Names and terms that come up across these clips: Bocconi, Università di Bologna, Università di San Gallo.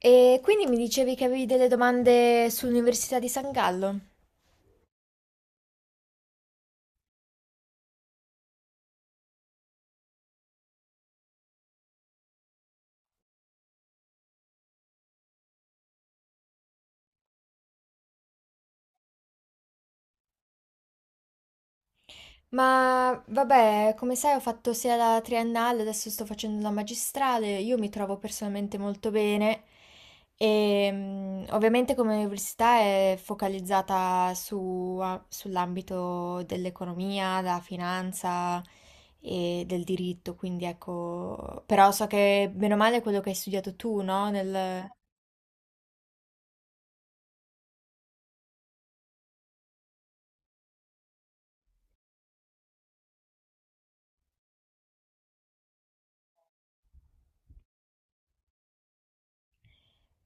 E quindi mi dicevi che avevi delle domande sull'Università di San Gallo. Ma vabbè, come sai, ho fatto sia la triennale, adesso sto facendo la magistrale. Io mi trovo personalmente molto bene. Ovviamente, come università è focalizzata sull'ambito dell'economia, della finanza e del diritto. Quindi ecco, però so che bene o male è quello che hai studiato tu, no?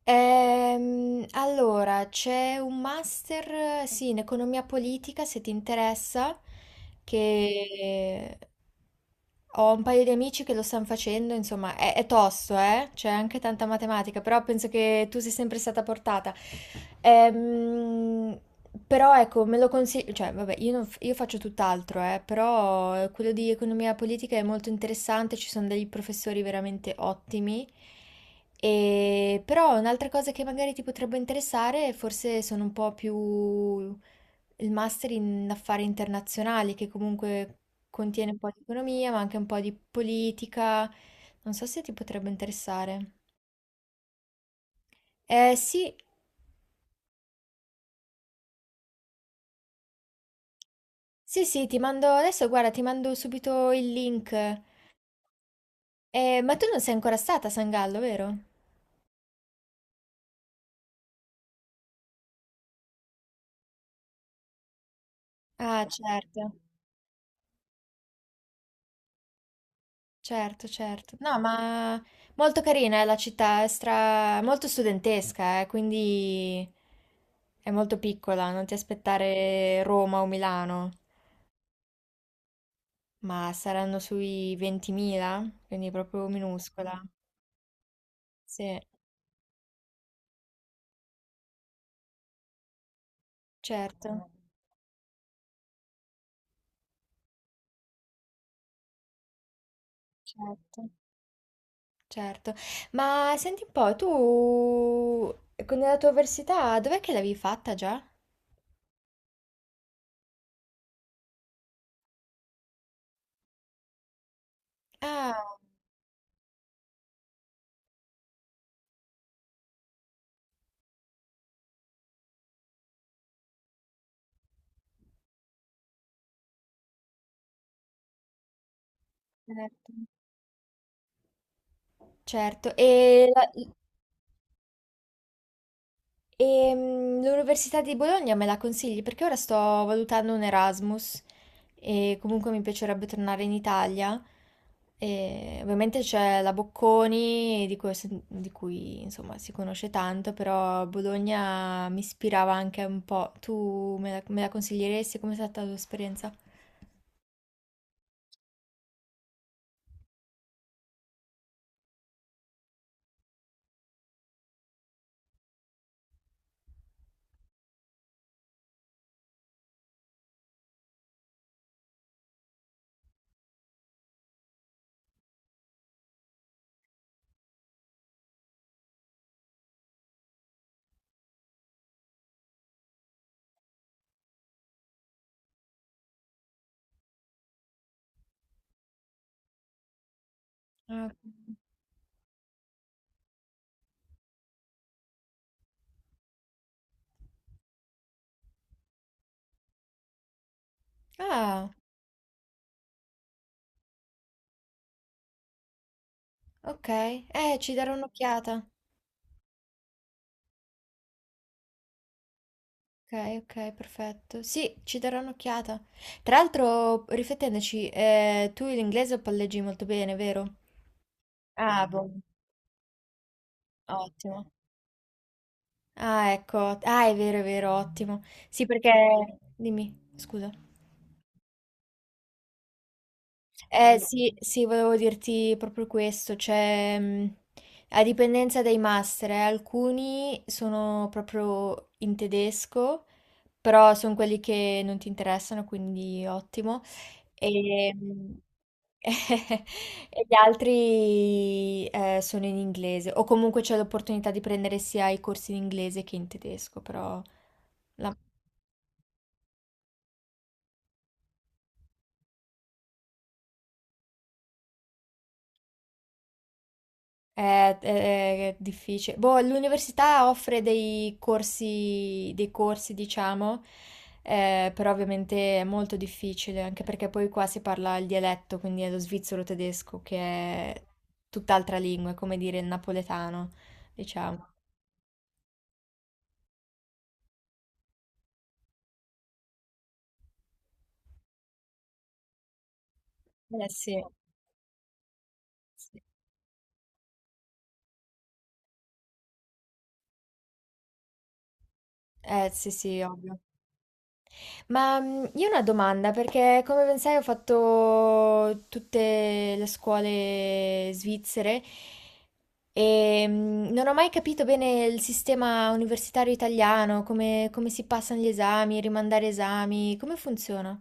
Allora, c'è un master, sì, in economia politica, se ti interessa, che ho un paio di amici che lo stanno facendo, insomma, è tosto, eh? C'è anche tanta matematica, però penso che tu sei sempre stata portata. Ehm, Però ecco, me lo consiglio, cioè, vabbè, io, non f- io faccio tutt'altro, però quello di economia politica è molto interessante, ci sono dei professori veramente ottimi. E, però un'altra cosa che magari ti potrebbe interessare, forse sono un po' più il master in affari internazionali, che comunque contiene un po' di economia, ma anche un po' di politica. Non so se ti potrebbe interessare. Eh sì, sì, sì, ti mando adesso, guarda, ti mando subito il link. Ma tu non sei ancora stata a San Gallo, vero? Ah, certo. Certo, certo. No, ma molto carina è la città, è molto studentesca, quindi è molto piccola, non ti aspettare Roma o Milano, ma saranno sui 20.000, quindi proprio minuscola. Sì, certo, certo, certo. Ma senti un po', tu con la tua università, dov'è che l'avevi fatta già? Ah, certo. Certo, e la- l'Università di Bologna me la consigli? Perché ora sto valutando un Erasmus e comunque mi piacerebbe tornare in Italia. E ovviamente c'è la Bocconi di cui, insomma si conosce tanto, però Bologna mi ispirava anche un po'. Tu me la consiglieresti? Com'è stata la tua esperienza? Ah, ah, ok. Ci darò un'occhiata. Okay, okay, perfetto. Sì, ci darò un'occhiata. Tra l'altro, riflettendoci, tu l'inglese lo palleggi molto bene, vero? Ah, boh, ottimo. Ah, ecco, ah, è vero, ottimo. Sì, perché. Dimmi, scusa. Sì, sì, volevo dirti proprio questo, cioè, a dipendenza dai master, alcuni sono proprio in tedesco, però sono quelli che non ti interessano, quindi ottimo. E, mh, E gli altri sono in inglese, o comunque c'è l'opportunità di prendere sia i corsi in inglese che in tedesco, però la- è difficile. Boh, l'università offre dei corsi, diciamo, però ovviamente è molto difficile, anche perché poi qua si parla il dialetto, quindi è lo svizzero tedesco, che è tutt'altra lingua, è come dire il napoletano, diciamo. Eh sì. Sì. Eh sì, sì, ovvio. Io ho una domanda, perché come ben sai ho fatto tutte le scuole svizzere e non ho mai capito bene il sistema universitario italiano, come si passano gli esami, rimandare esami, come funziona?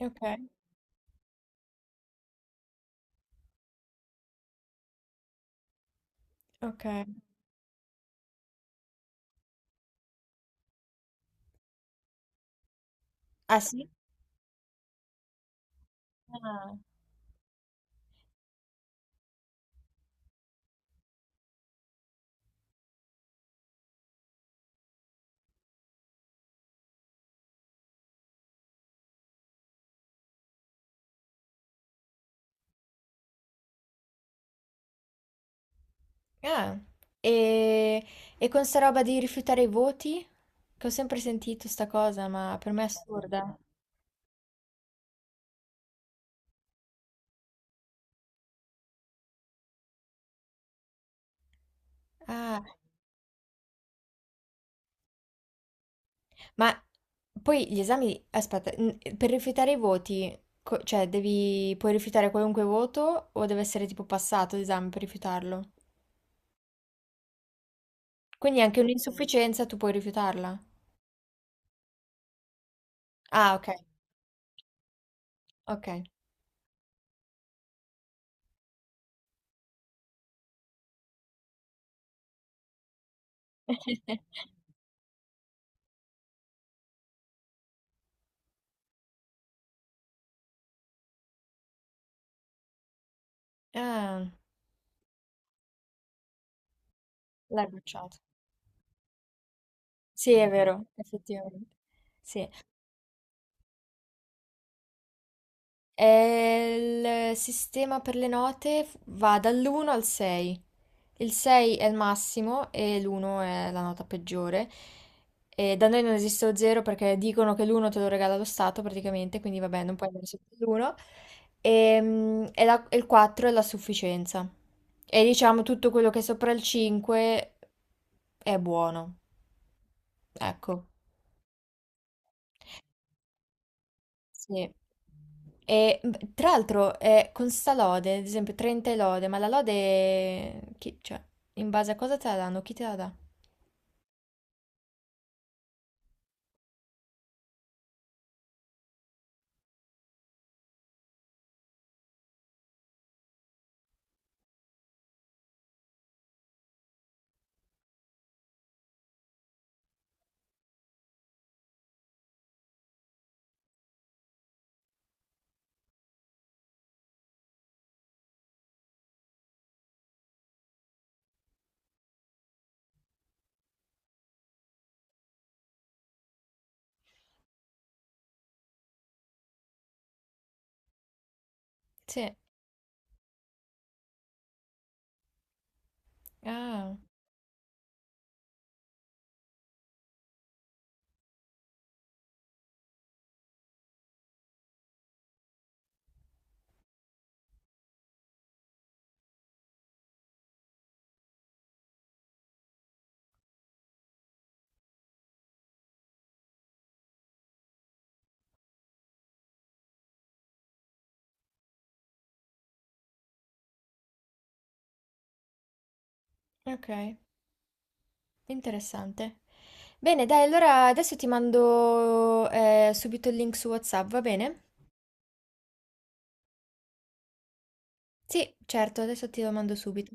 Ok, ok. Ah sì? Ah. Ah. E, e con sta roba di rifiutare i voti? Che ho sempre sentito sta cosa, ma per me è assurda. Ah. Ma poi gli esami, aspetta, per rifiutare i voti, cioè puoi rifiutare qualunque voto o deve essere tipo passato l'esame per rifiutarlo? Quindi anche un'insufficienza tu puoi rifiutarla. Ah, ok, ok. Ah, l'hai bocciato. Sì, è vero, effettivamente. Sì. E il sistema per le note va dall'1 al 6. Il 6 è il massimo e l'1 è la nota peggiore. E da noi non esiste lo 0 perché dicono che l'1 te lo regala lo Stato praticamente, quindi vabbè, non puoi andare sotto l'1. E il 4 è la sufficienza. E diciamo tutto quello che è sopra il 5 è buono. Ecco, sì. Tra l'altro con sta lode, ad esempio 30 è lode, ma la lode, cioè, in base a cosa te la danno? Chi te la dà? Sì. Ah. Ok, interessante. Bene, dai, allora adesso ti mando subito il link su WhatsApp, va bene? Sì, certo, adesso te lo mando subito.